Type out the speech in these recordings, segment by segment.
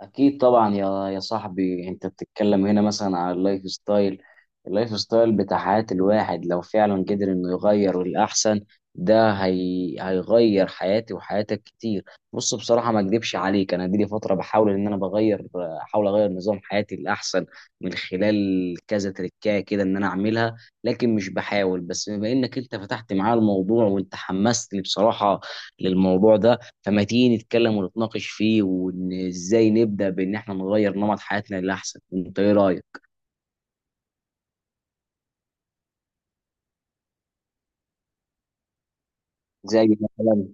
أكيد طبعا، يا صاحبي. أنت بتتكلم هنا مثلا على اللايف ستايل بتاع حياة الواحد لو فعلا قدر إنه يغير للأحسن، هيغير حياتي وحياتك كتير. بص، بصراحة ما أكدبش عليك، أنا دي لي فترة بحاول إن أنا بغير. أحاول أغير نظام حياتي للأحسن من خلال كذا تركاية كده إن أنا أعملها، لكن مش بحاول بس. بما إنك أنت فتحت معايا الموضوع وأنت حمستني بصراحة للموضوع ده، فما تيجي نتكلم ونتناقش فيه، وان ازاي نبدا بان احنا نغير نمط حياتنا للاحسن. انت ايه رايك؟ زي مثلا.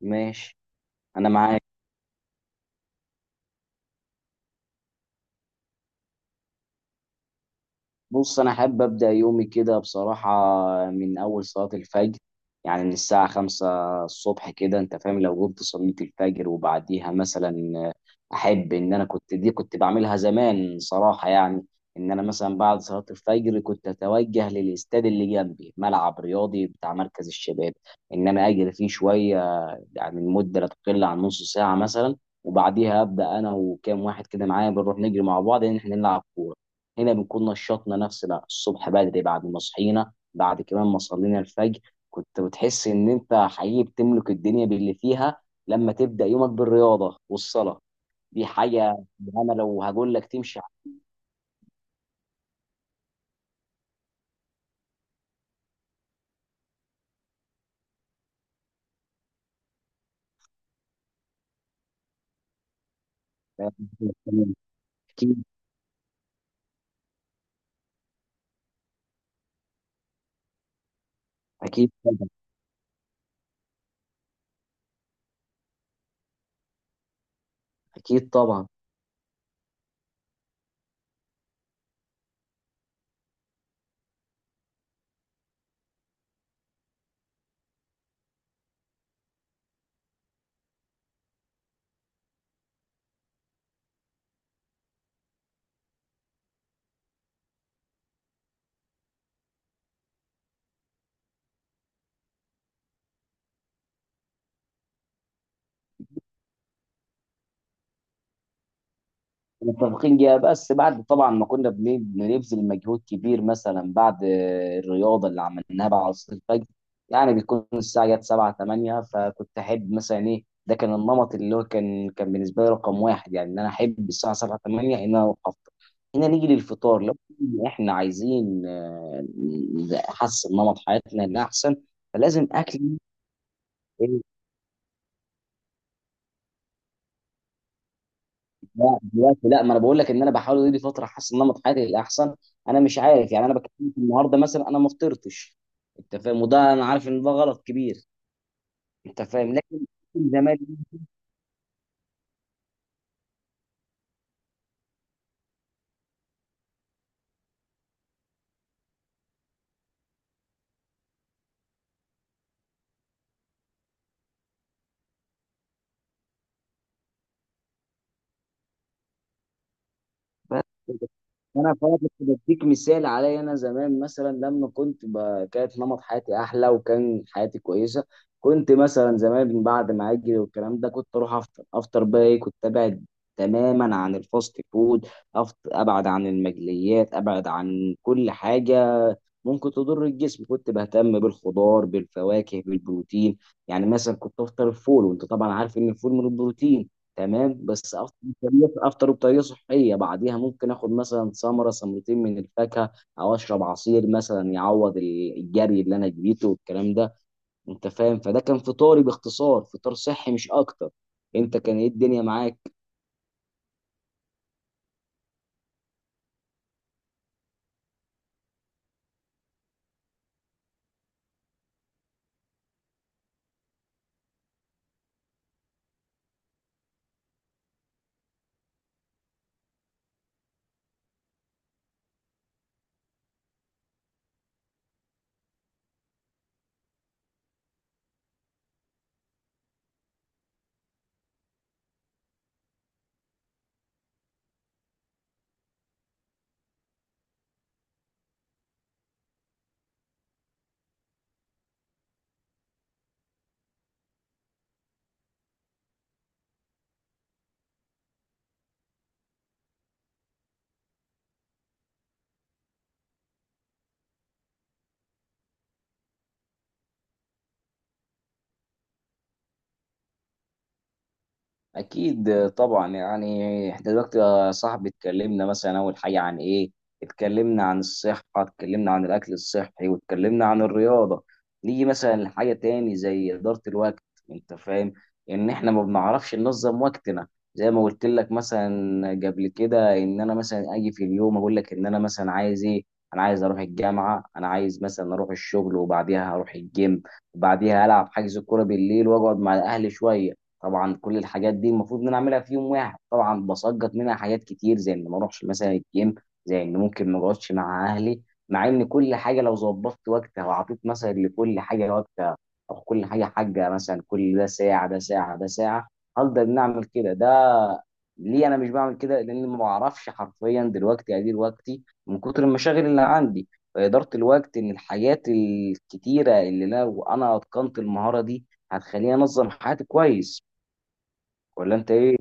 ماشي. انا معاك. بص، انا احب ابدا يومي كده بصراحه من اول صلاه الفجر، يعني من الساعه خمسة الصبح كده. انت فاهم؟ لو قمت صليت الفجر وبعديها مثلا، احب ان انا كنت، دي كنت بعملها زمان صراحه، يعني ان انا مثلا بعد صلاه الفجر كنت اتوجه للاستاد اللي جنبي، ملعب رياضي بتاع مركز الشباب، ان انا اجري فيه شويه، يعني المده لا تقل عن نص ساعه مثلا. وبعديها ابدا انا وكام واحد كده معايا بنروح نجري مع بعض، ان احنا نلعب كوره. هنا بنكون نشطنا نفسنا الصبح بدري بعد ما صحينا، بعد كمان ما صلينا الفجر. كنت بتحس ان انت حقيقي بتملك الدنيا باللي فيها لما تبدأ يومك بالرياضة والصلاة. دي حاجة. انا لو هقول لك تمشي على-. اكيد. اكيد طبعا. اكيد طبعا. متفقين جدا. بس بعد طبعا ما كنا بنبذل مجهود كبير مثلا، بعد الرياضه اللي عملناها بعد عصر الفجر، يعني بيكون الساعه جت 7 8. فكنت احب مثلا ايه؟ ده كان النمط اللي هو كان بالنسبه لي رقم واحد. يعني ان انا احب الساعه 7 8 ان انا اروح افطر. هنا نيجي للفطار، لو احنا عايزين نحسن نمط حياتنا لاحسن، فلازم اكل. لا دلوقتي لا. ما انا بقول لك ان انا بحاول دي فتره حاسس ان نمط حياتي للاحسن. انا مش عارف، يعني انا بكلمك النهارده مثلا، انا ما فطرتش. انت فاهم؟ وده انا عارف ان ده غلط كبير. انت فاهم؟ لكن زمان. بس كده. انا فعلا كنت بديك مثال عليا. انا زمان مثلا لما كنت كانت نمط حياتي احلى، وكان حياتي كويسه. كنت مثلا زمان بعد ما اجري والكلام ده كنت اروح افطر بقى ايه؟ كنت ابعد تماما عن الفاست فود. ابعد عن المقليات، ابعد عن كل حاجه ممكن تضر الجسم. كنت بهتم بالخضار، بالفواكه، بالبروتين. يعني مثلا كنت افطر الفول، وانت طبعا عارف ان الفول من البروتين. تمام. بس افطر بطريقه، افطر بطريقه صحيه. بعديها ممكن اخد مثلا ثمره ثمرتين من الفاكهه، او اشرب عصير مثلا يعوض الجري اللي انا جريته والكلام ده. انت فاهم؟ فده كان فطاري باختصار، فطار صحي مش اكتر. انت كان ايه الدنيا معاك؟ أكيد طبعا. يعني إحنا دلوقتي يا صاحبي اتكلمنا مثلا أول حاجة عن إيه؟ اتكلمنا عن الصحة، اتكلمنا عن الأكل الصحي، واتكلمنا عن الرياضة. نيجي مثلا لحاجة تاني زي إدارة الوقت. أنت فاهم؟ إن إحنا ما بنعرفش ننظم وقتنا. زي ما قلت لك مثلا قبل كده، إن أنا مثلا أجي في اليوم أقول لك إن أنا مثلا عايز إيه؟ أنا عايز أروح الجامعة، أنا عايز مثلا أروح الشغل وبعديها هروح الجيم، وبعديها ألعب حجز كورة بالليل وأقعد مع أهلي شوية. طبعا كل الحاجات دي المفروض ان انا اعملها في يوم واحد. طبعا بسقط منها حاجات كتير، زي ان ما اروحش مثلا الجيم، زي ان ممكن ما اقعدش مع اهلي. مع ان كل حاجه لو ظبطت وقتها وعطيت مثلا لكل حاجه وقتها، او كل حاجه حاجه مثلا، كل ده ساعه، ده ساعه، ده ساعه، هقدر ان اعمل كده. ده ليه انا مش بعمل كده؟ لان ما بعرفش حرفيا دلوقتي ادير وقتي من كتر المشاغل اللي عندي. فاداره الوقت، ان الحاجات الكتيره اللي لو انا اتقنت المهاره دي، هتخليني انظم حياتي كويس. ولا انت ايه؟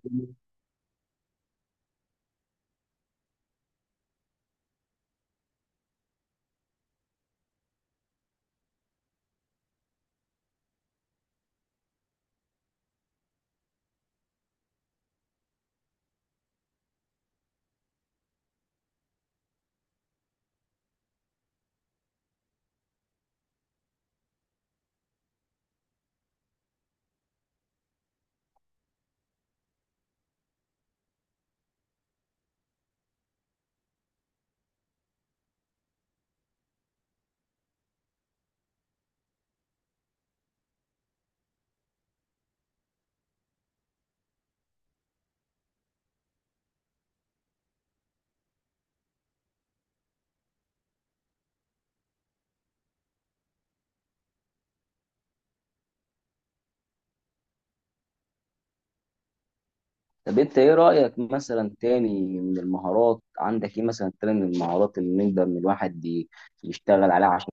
طب انت ايه رأيك؟ مثلا تاني من المهارات، عندك ايه مثلا تاني من المهارات اللي نقدر ان الواحد يشتغل عليها عشان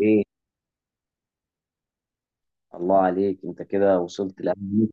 ايه؟ الله عليك، انت كده وصلت لأهم.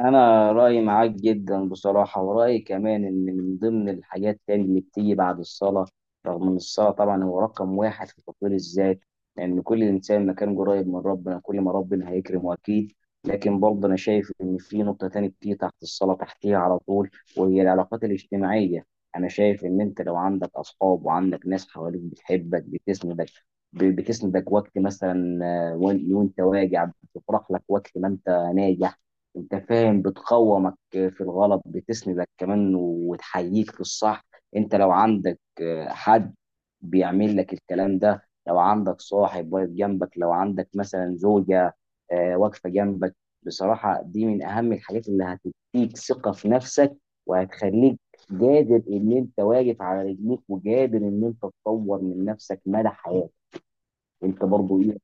انا رايي معاك جدا بصراحه. ورايي كمان ان من ضمن الحاجات تاني اللي بتيجي بعد الصلاه، رغم ان الصلاه طبعا هو رقم واحد في تطوير الذات، لان كل انسان ما كان قريب من ربنا كل ما ربنا هيكرمه اكيد. لكن برضه انا شايف ان في نقطه تانية بتيجي تحت الصلاه، تحتيها على طول، وهي العلاقات الاجتماعيه. انا شايف ان انت لو عندك اصحاب وعندك ناس حواليك بتحبك، بتسندك، بتسندك وقت مثلا آه، وانت واجع، بتفرح لك وقت ما انت ناجح. انت فاهم؟ بتقومك في الغلط، بتسندك كمان وتحييك في الصح. انت لو عندك حد بيعمل لك الكلام ده، لو عندك صاحب واقف جنبك، لو عندك مثلا زوجة واقفة جنبك، بصراحة دي من أهم الحاجات اللي هتديك ثقة في نفسك، وهتخليك قادر إن أنت واقف على رجليك، وقادر إن أنت تطور من نفسك مدى حياتك. أنت برضو إيه.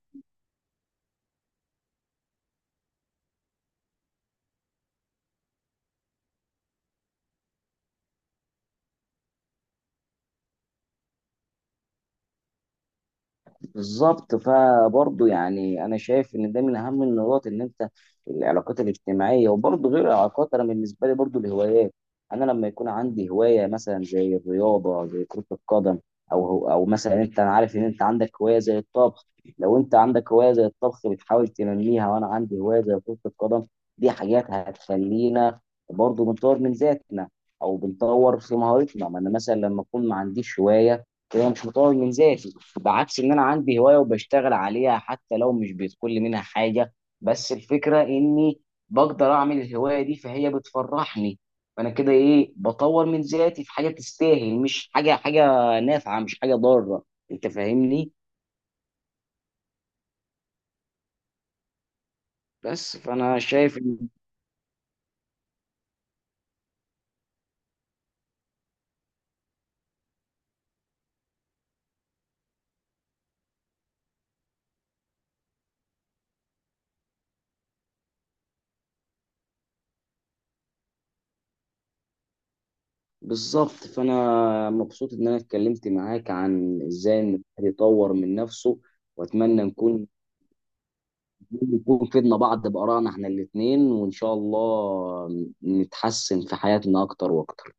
بالظبط. فبرضه يعني انا شايف ان ده من اهم النقاط، ان انت، العلاقات الاجتماعيه. وبرضه غير العلاقات، انا بالنسبه لي برضه الهوايات. انا لما يكون عندي هوايه مثلا زي الرياضه، زي كره القدم، او مثلا انت، انا عارف ان انت عندك هوايه زي الطبخ. لو انت عندك هوايه زي الطبخ بتحاول تنميها، وانا عندي هوايه زي كره القدم، دي حاجات هتخلينا برضه بنطور من ذاتنا او بنطور في مهارتنا. ما انا مثلا لما اكون ما عنديش هوايه كده، مش مطور من ذاتي، بعكس ان انا عندي هوايه وبشتغل عليها حتى لو مش بيدخل لي منها حاجه. بس الفكره اني بقدر اعمل الهوايه دي، فهي بتفرحني، فانا كده ايه؟ بطور من ذاتي في حاجه تستاهل، مش حاجه. حاجه نافعه، مش حاجه ضاره. انت فاهمني؟ بس فانا شايف إن-. بالظبط. فانا مبسوط ان انا اتكلمت معاك عن ازاي ان الواحد يطور من نفسه، واتمنى نكون، نكون فدنا بعض بآرائنا احنا الاتنين، وإن شاء الله نتحسن في حياتنا أكتر وأكتر.